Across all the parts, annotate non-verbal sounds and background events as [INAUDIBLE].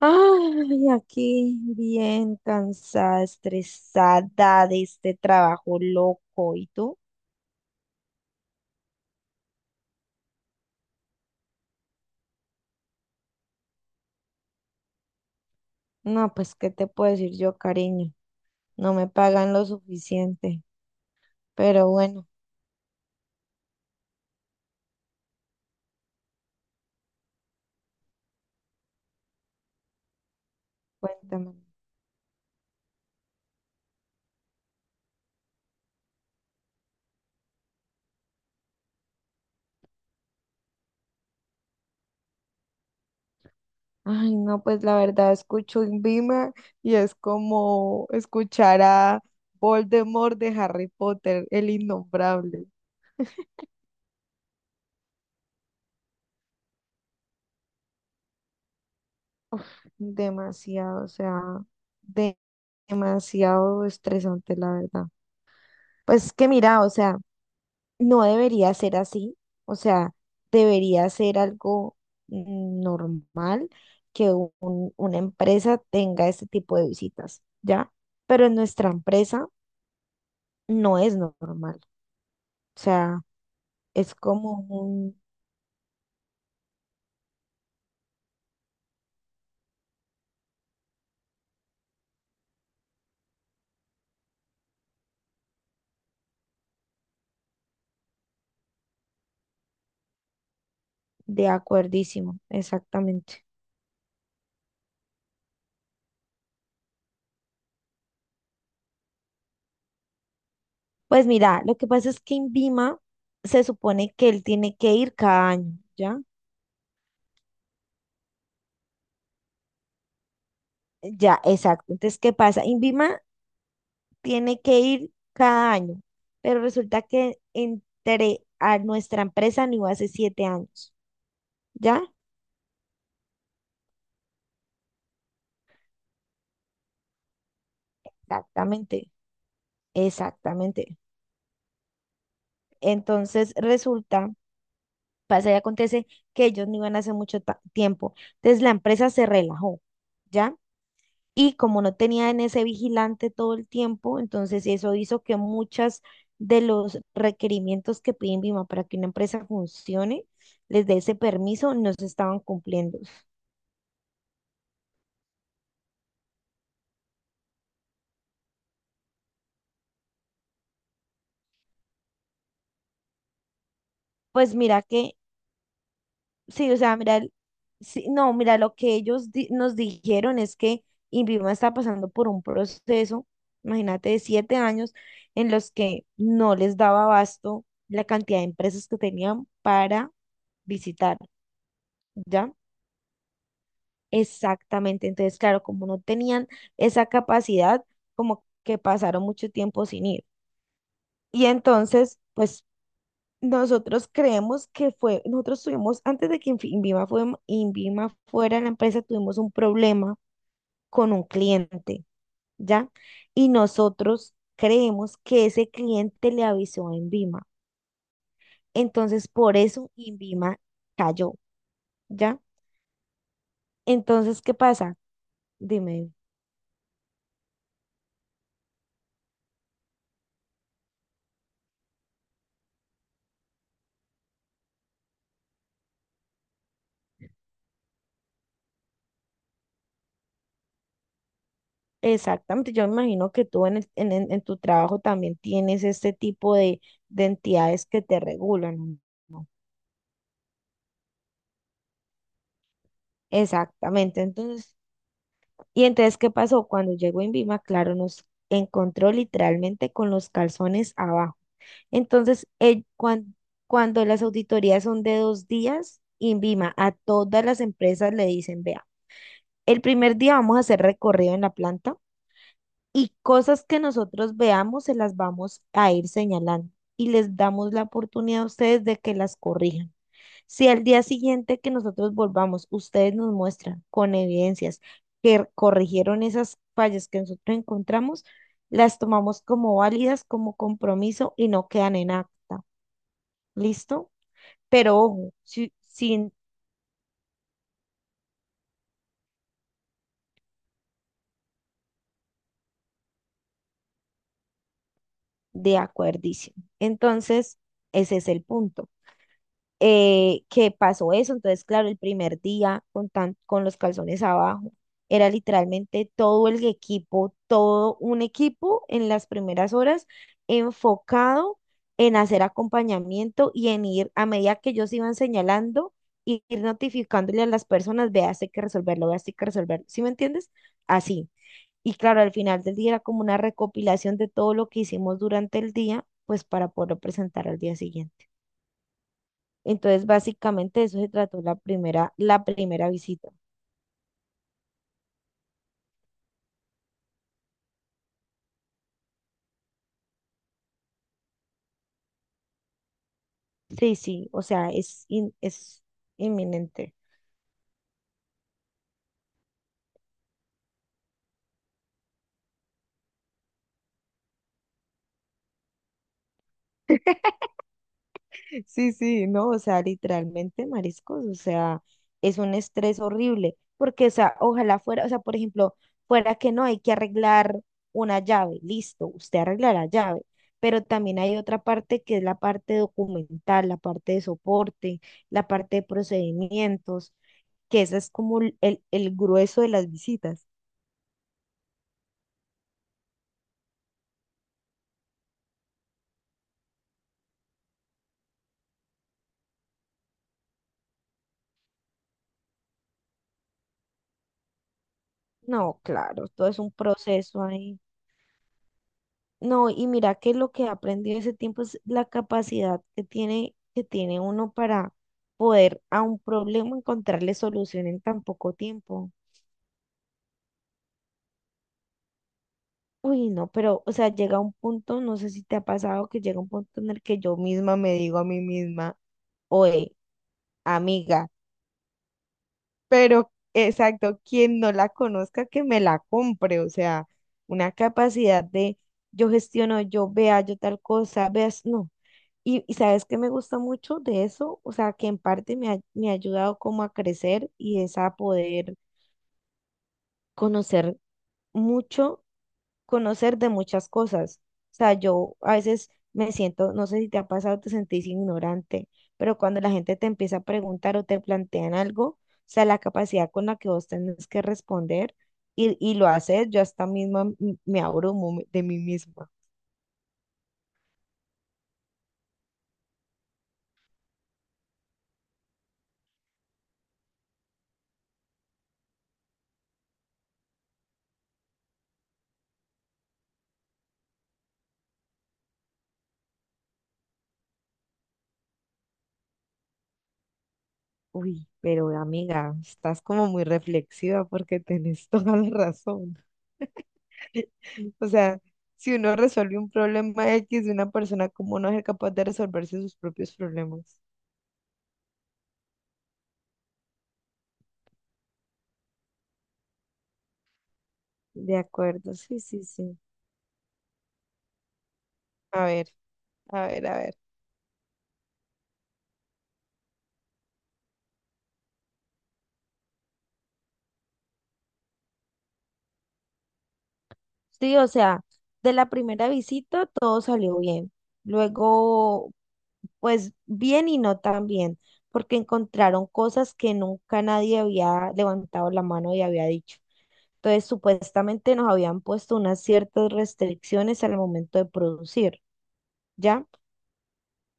Ay, aquí bien cansada, estresada de este trabajo loco. ¿Y tú? No, pues, ¿qué te puedo decir yo, cariño? No me pagan lo suficiente. Pero bueno, cuéntame. Ay, no, pues la verdad escucho Invima y es como escuchar a Voldemort de Harry Potter, el innombrable. Uf, demasiado, o sea, de- demasiado estresante, la verdad. Pues que mira, o sea, no debería ser así, o sea, debería ser algo normal que una empresa tenga este tipo de visitas, ¿ya? Pero en nuestra empresa no es normal, o sea, es como un de acuerdísimo, exactamente. Pues mira, lo que pasa es que INVIMA se supone que él tiene que ir cada año, ¿ya? Ya, exacto. Entonces, ¿qué pasa? INVIMA tiene que ir cada año, pero resulta que entré a nuestra empresa no hace siete años, ¿ya? Exactamente, exactamente. Entonces resulta, pasa y acontece que ellos no iban hace mucho tiempo, entonces la empresa se relajó, ¿ya? Y como no tenía en ese vigilante todo el tiempo, entonces eso hizo que muchas de los requerimientos que piden BIMA para que una empresa funcione, les dé ese permiso, no se estaban cumpliendo. Pues mira que, sí, o sea, mira, sí, no, mira, lo que ellos nos dijeron es que INVIMA está pasando por un proceso, imagínate, de siete años en los que no les daba abasto la cantidad de empresas que tenían para visitar, ¿ya? Exactamente, entonces, claro, como no tenían esa capacidad, como que pasaron mucho tiempo sin ir. Y entonces, pues nosotros creemos que fue, nosotros tuvimos, antes de que INVIMA, fue, INVIMA fuera la empresa, tuvimos un problema con un cliente, ¿ya? Y nosotros creemos que ese cliente le avisó a INVIMA. Entonces, por eso INVIMA cayó, ¿ya? Entonces, ¿qué pasa? Dime, exactamente, yo me imagino que tú en, en tu trabajo también tienes este tipo de entidades que te regulan, ¿no? Exactamente. Entonces, y entonces, ¿qué pasó? Cuando llegó INVIMA, claro, nos encontró literalmente con los calzones abajo. Entonces, cuando las auditorías son de dos días, INVIMA a todas las empresas le dicen, vea, el primer día vamos a hacer recorrido en la planta y cosas que nosotros veamos se las vamos a ir señalando y les damos la oportunidad a ustedes de que las corrijan. Si al día siguiente que nosotros volvamos, ustedes nos muestran con evidencias que corrigieron esas fallas que nosotros encontramos, las tomamos como válidas, como compromiso y no quedan en acta. ¿Listo? Pero ojo, sin de acuerdicio. Entonces, ese es el punto. Que pasó eso. Entonces, claro, el primer día con, tan, con los calzones abajo, era literalmente todo el equipo, todo un equipo en las primeras horas enfocado en hacer acompañamiento y en ir a medida que ellos iban señalando. Ir notificándole a las personas, vea, esto hay que resolverlo, vea, esto hay que resolverlo. ¿Sí me entiendes? Así. Y claro, al final del día era como una recopilación de todo lo que hicimos durante el día, pues para poderlo presentar al día siguiente. Entonces, básicamente de eso se trató la primera visita. Sí, sí, o sea, es, es inminente. [LAUGHS] Sí, sí, no, o sea, literalmente, mariscos, o sea, es un estrés horrible, porque, o sea, ojalá fuera, o sea, por ejemplo, fuera que no hay que arreglar una llave, listo, usted arreglará la llave, pero también hay otra parte que es la parte documental, la parte de soporte, la parte de procedimientos, que esa es como el el grueso de las visitas. No, claro, todo es un proceso ahí. No, y mira que lo que he aprendido ese tiempo es la capacidad que tiene uno para poder a un problema encontrarle solución en tan poco tiempo. Uy, no, pero, o sea, llega un punto, no sé si te ha pasado, que llega un punto en el que yo misma me digo a mí misma, oye, amiga, pero exacto, quien no la conozca, que me la compre, o sea, una capacidad de yo gestiono, yo vea, yo tal cosa, veas, no. Y sabes que me gusta mucho de eso, o sea, que en parte me ha ayudado como a crecer y es a poder conocer mucho, conocer de muchas cosas. O sea, yo a veces me siento, no sé si te ha pasado, te sentís ignorante, pero cuando la gente te empieza a preguntar o te plantean algo, o sea, la capacidad con la que vos tenés que responder y lo haces, yo hasta misma me abrumo de mí misma. Uy, pero amiga, estás como muy reflexiva porque tenés [LAUGHS] toda la razón. [LAUGHS] O sea, si uno resuelve un problema X de una persona, ¿cómo no es capaz de resolverse sus propios problemas? De acuerdo, sí, sí, sí. A ver, a ver, a ver. Sí, o sea, de la primera visita todo salió bien. Luego, pues bien y no tan bien, porque encontraron cosas que nunca nadie había levantado la mano y había dicho. Entonces, supuestamente nos habían puesto unas ciertas restricciones al momento de producir, ¿ya?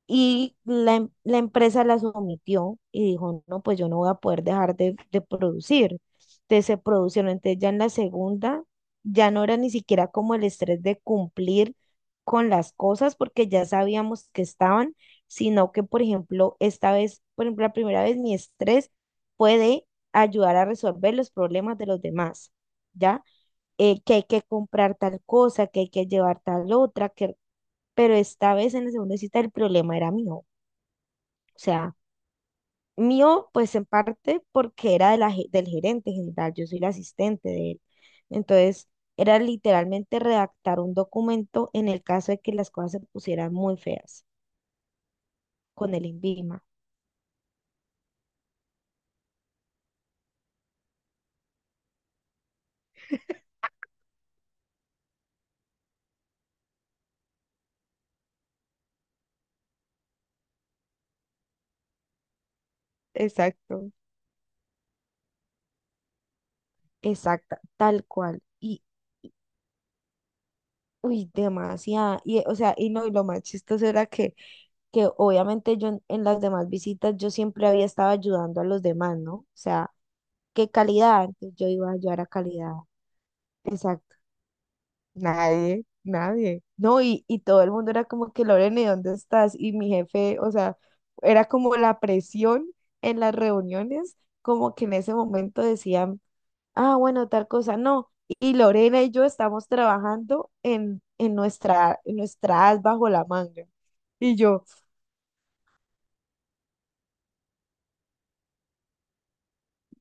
Y la, la empresa las omitió y dijo, no, pues yo no voy a poder dejar de producir. Entonces se produjeron, entonces ya en la segunda ya no era ni siquiera como el estrés de cumplir con las cosas porque ya sabíamos que estaban, sino que, por ejemplo, esta vez, por ejemplo, la primera vez mi estrés puede ayudar a resolver los problemas de los demás, ¿ya? Que hay que comprar tal cosa, que hay que llevar tal otra, que... pero esta vez en la segunda cita el problema era mío. O sea, mío pues en parte porque era de la, del gerente general, yo soy la asistente de él. Entonces, era literalmente redactar un documento en el caso de que las cosas se pusieran muy feas con el INVIMA. Exacto. Exacta, tal cual. Y, y- uy, demasiada. Y, o sea, y no, y lo más chistoso era que obviamente yo en las demás visitas yo siempre había estado ayudando a los demás, ¿no? O sea, ¿qué calidad? Entonces yo iba a ayudar a calidad. Exacto. Nadie, nadie. No, y todo el mundo era como que, Lorena, ¿y dónde estás? Y mi jefe, o sea, era como la presión en las reuniones, como que en ese momento decían, ah, bueno, tal cosa, no. Y Lorena y yo estamos trabajando en nuestra as bajo la manga. Y yo,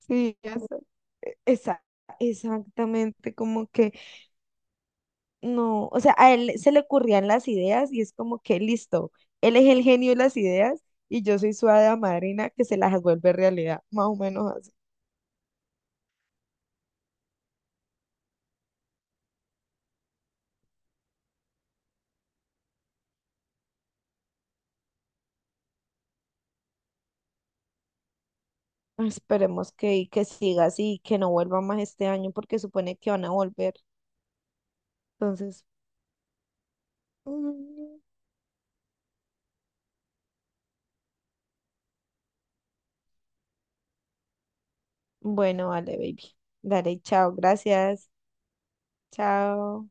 sí, Esa- exactamente, como que no, o sea, a él se le ocurrían las ideas y es como que listo, él es el genio de las ideas y yo soy su hada madrina que se las vuelve realidad, más o menos así. Esperemos que, y que siga así, que no vuelva más este año porque supone que van a volver. Entonces, mm, bueno, vale, baby. Dale, chao, gracias. Chao.